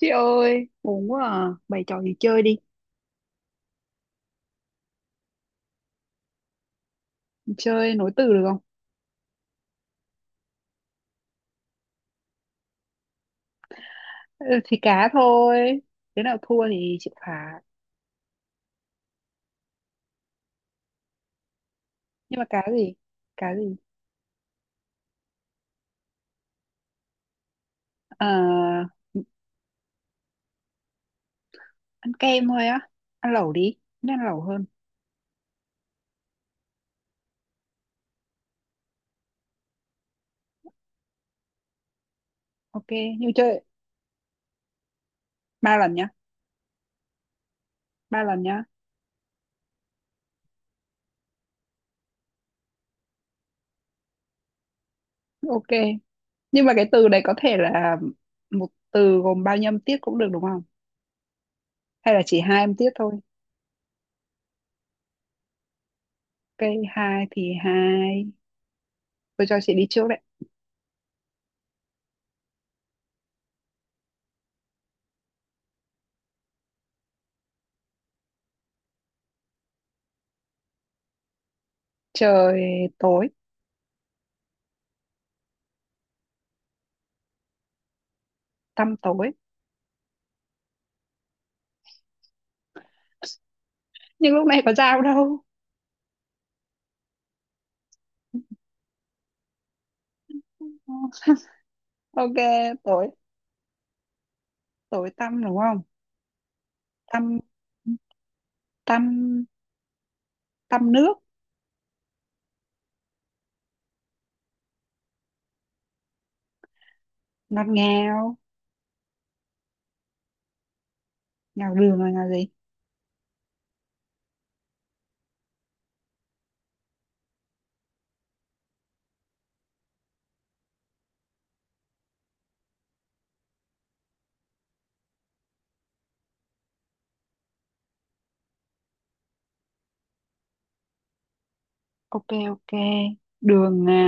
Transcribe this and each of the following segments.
Chị ơi, buồn quá à. Bày trò gì chơi đi. Chơi nối từ được không? Ừ, thì cá thôi. Đứa nào thua thì chịu phạt. Nhưng mà cá gì? Cá gì? Ờ, ăn kem thôi á. Ăn lẩu đi. Nên ăn lẩu hơn. Ok, nhưng chơi ba lần nhá. Ba lần nhá. Ok. Nhưng mà cái từ đấy có thể là một từ gồm bao nhiêu âm tiết cũng được đúng không? Hay là chỉ hai âm tiết thôi? Ok, hai thì hai. Tôi cho chị đi trước đấy. Trời tối, tăm tối. Nhưng lúc này có dao đâu. Ok, tối, tối tăm đúng không? Tăm, tăm, tăm nước. Ngọt ngào. Ngào đường là ngào gì? Ok ok, đường à,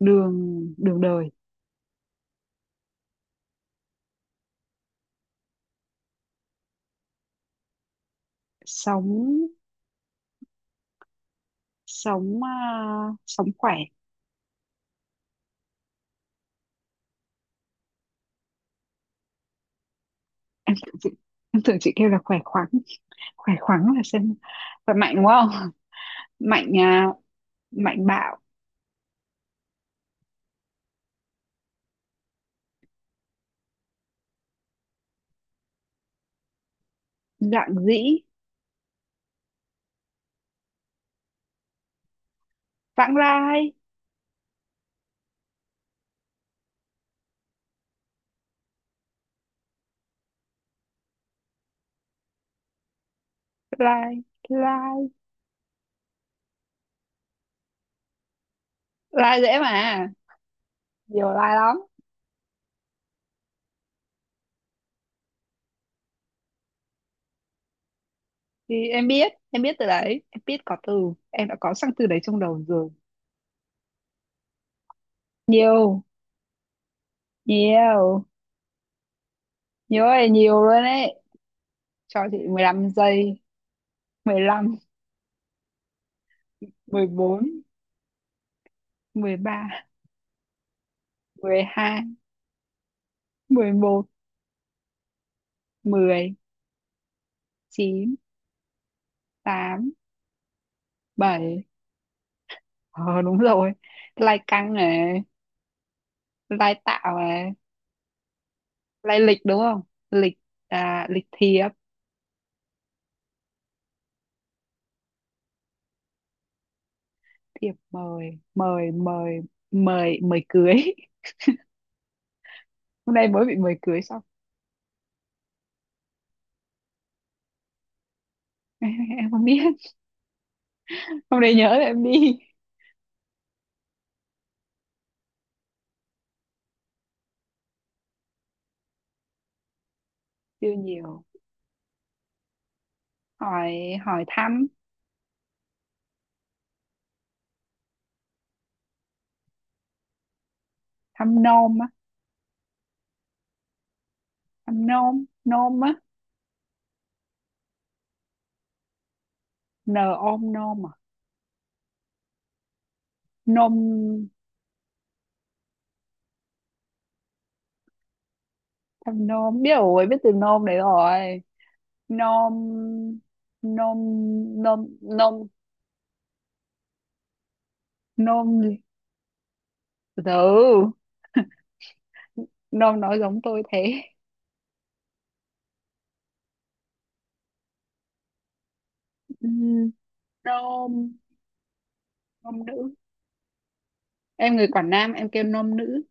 đường, đường đời. Sống, sống à, sống khỏe. Em tưởng chị em tưởng chị kêu là khỏe khoắn. Khỏe khoắn là xem khỏe mạnh đúng không? Mạnh à, mạnh bạo. Dạn dĩ. Vãng Lai, lai, lai, lai dễ mà. Nhiều lai lắm. Thì em biết, từ đấy, em biết có từ, em đã có sẵn từ đấy trong đầu rồi. Nhiều, nhiều, nhiều ơi nhiều luôn đấy. Cho chị 15 giây. Mười mười 15. Bốn. 13. 12. 11. 10. Chín. Tám. Bảy. Ờ đúng rồi. Lai căng này, lai tạo này, lai lịch đúng không? Lịch. À, lịch thiệp. Thiệp mời. Mời mời mời mời cưới. Hôm nay mới bị mời cưới xong. Em không biết, hôm nay nhớ là em đi. Siêu nhiều. Hỏi. Hỏi thăm. Thăm nôm á. Thăm nôm, nôm á. N, ôm, nôm à. Nôm. Thăm nôm biết rồi, biết từ nôm đấy rồi. Nôm, nôm, nôm, nôm, nôm gì? Từ từ. Nôm nói giống tôi thế. Ừm, nôm, nôm nữ. Em người Quảng Nam em kêu nôm nữ.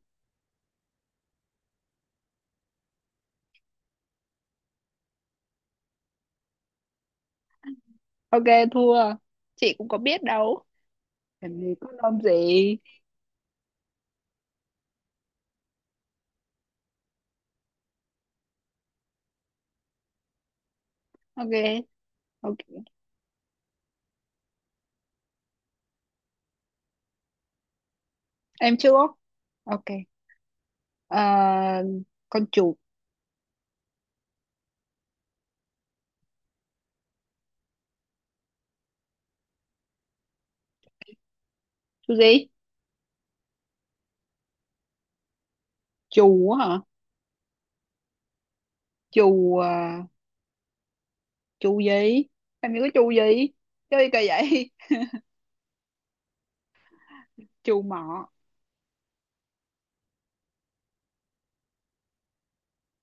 Ok, thua. Chị cũng có biết đâu, làm gì có nôm gì. Ok. Ok, em chưa. Ok. Ờ, con chuột. Chú gì? Chù á hả? Chù à, chù gì? Em nhớ cái chù gì, chơi kỳ vậy. Chù mọ,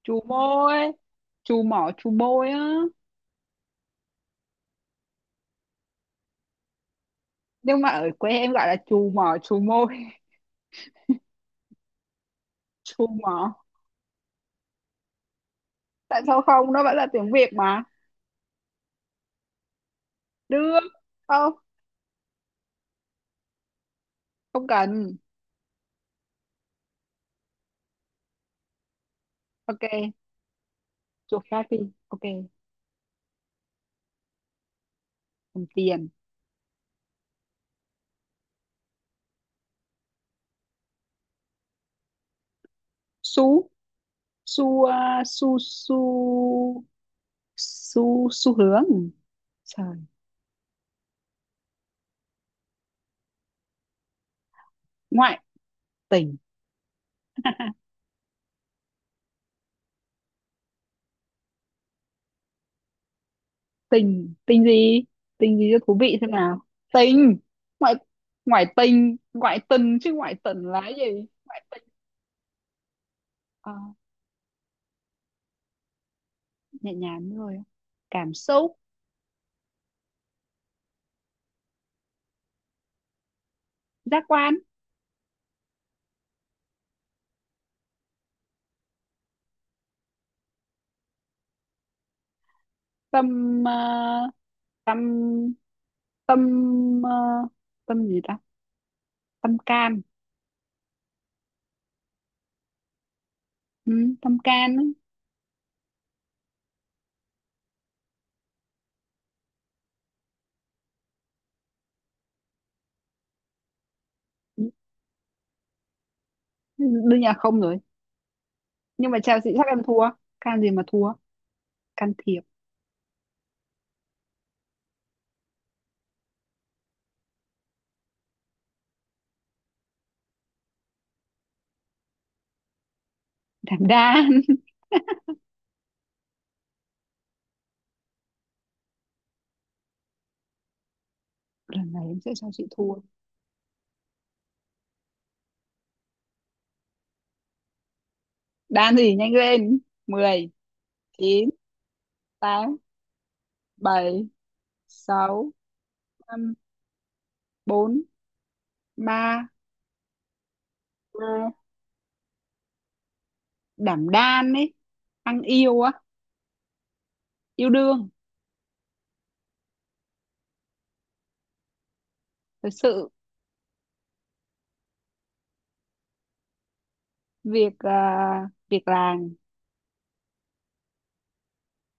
chù môi. Chù mọ, chù môi á. Nhưng mà ở quê em gọi là chù mọ, chù môi. Chù mọ. Tại sao không, nó vẫn là tiếng Việt mà. Được. Không, không cần. Ok, chuột khác đi. Ok. Cầm tiền. Xu. Xu à, xu xu. Xu, xu hướng. Trời. Ngoại tình. Tình, tình gì? Tình gì cho thú vị xem nào. Tình. Ngoại, ngoại tình, ngoại tình chứ, ngoại tình là cái gì? Ngoại tình. Ờ, nhẹ nhàng rồi. Cảm xúc. Giác quan. Tâm, ờ, tâm, tâm, ờ, tâm gì ta? Tâm can. Ừ, tâm can ấy. Ừ, đương nhiên là không rồi, nhưng mà Chelsea chắc em thua. Can gì mà thua? Can thiệp. Đảm đang. Lần này em sẽ cho chị thua. Đan gì nhanh lên. 10. Chín. Tám. Bảy. Sáu. Năm. Bốn. Ba. 2. Đảm đang ấy. Ăn yêu á, yêu đương. Thật sự. Việc à, việc làm.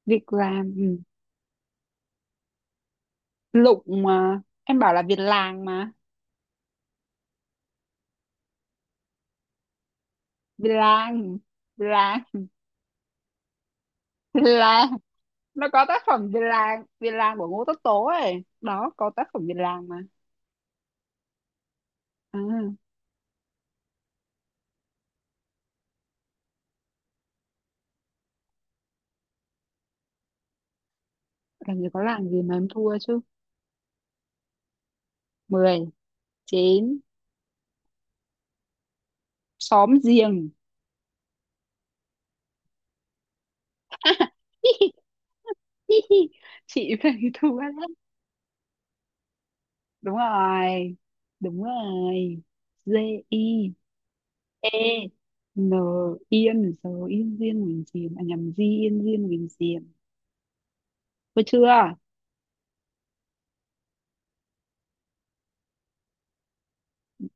Việc làm, ừ. Lụng mà. Em bảo là việc làng mà. Việc làng. Việc làng. Việc làng. Nó có tác phẩm việc làng của Ngô Tất Tố ấy. Đó, có tác phẩm việc làng mà. À, làm gì có làng gì mà em thua chứ. 10. Chín. Xóm giềng. Chị phải thua lắm. Đúng rồi, đúng rồi. G. I. E. N. Yên rồi, yên riêng mình chìm, à nhầm, di yên riêng mình chìm. Có chưa?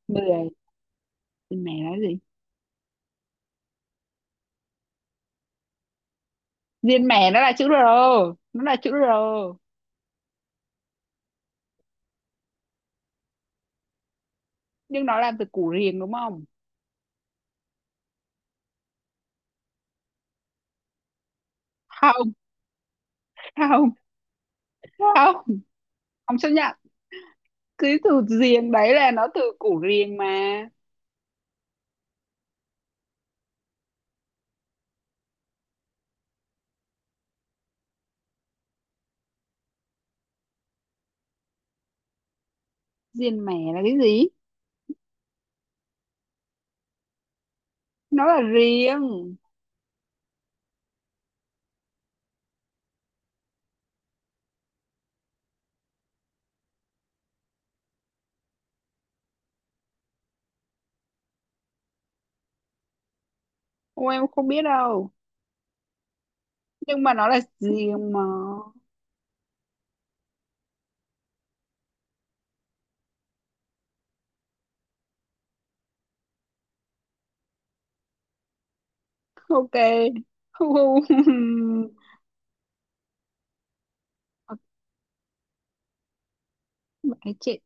10. Diên mè là gì? Diên mè nó là chữ R. Nó là chữ R. Nhưng nó làm từ củ riềng đúng không? Không. Không. Không. Không chấp nhận. Cái từ riềng đấy là nó từ củ riềng mà. Diên mè là cái gì? Nó là riêng. Ô, em không biết đâu. Nhưng mà nó là gì mà. Ok. Hu hu. Bạn ấy trễ.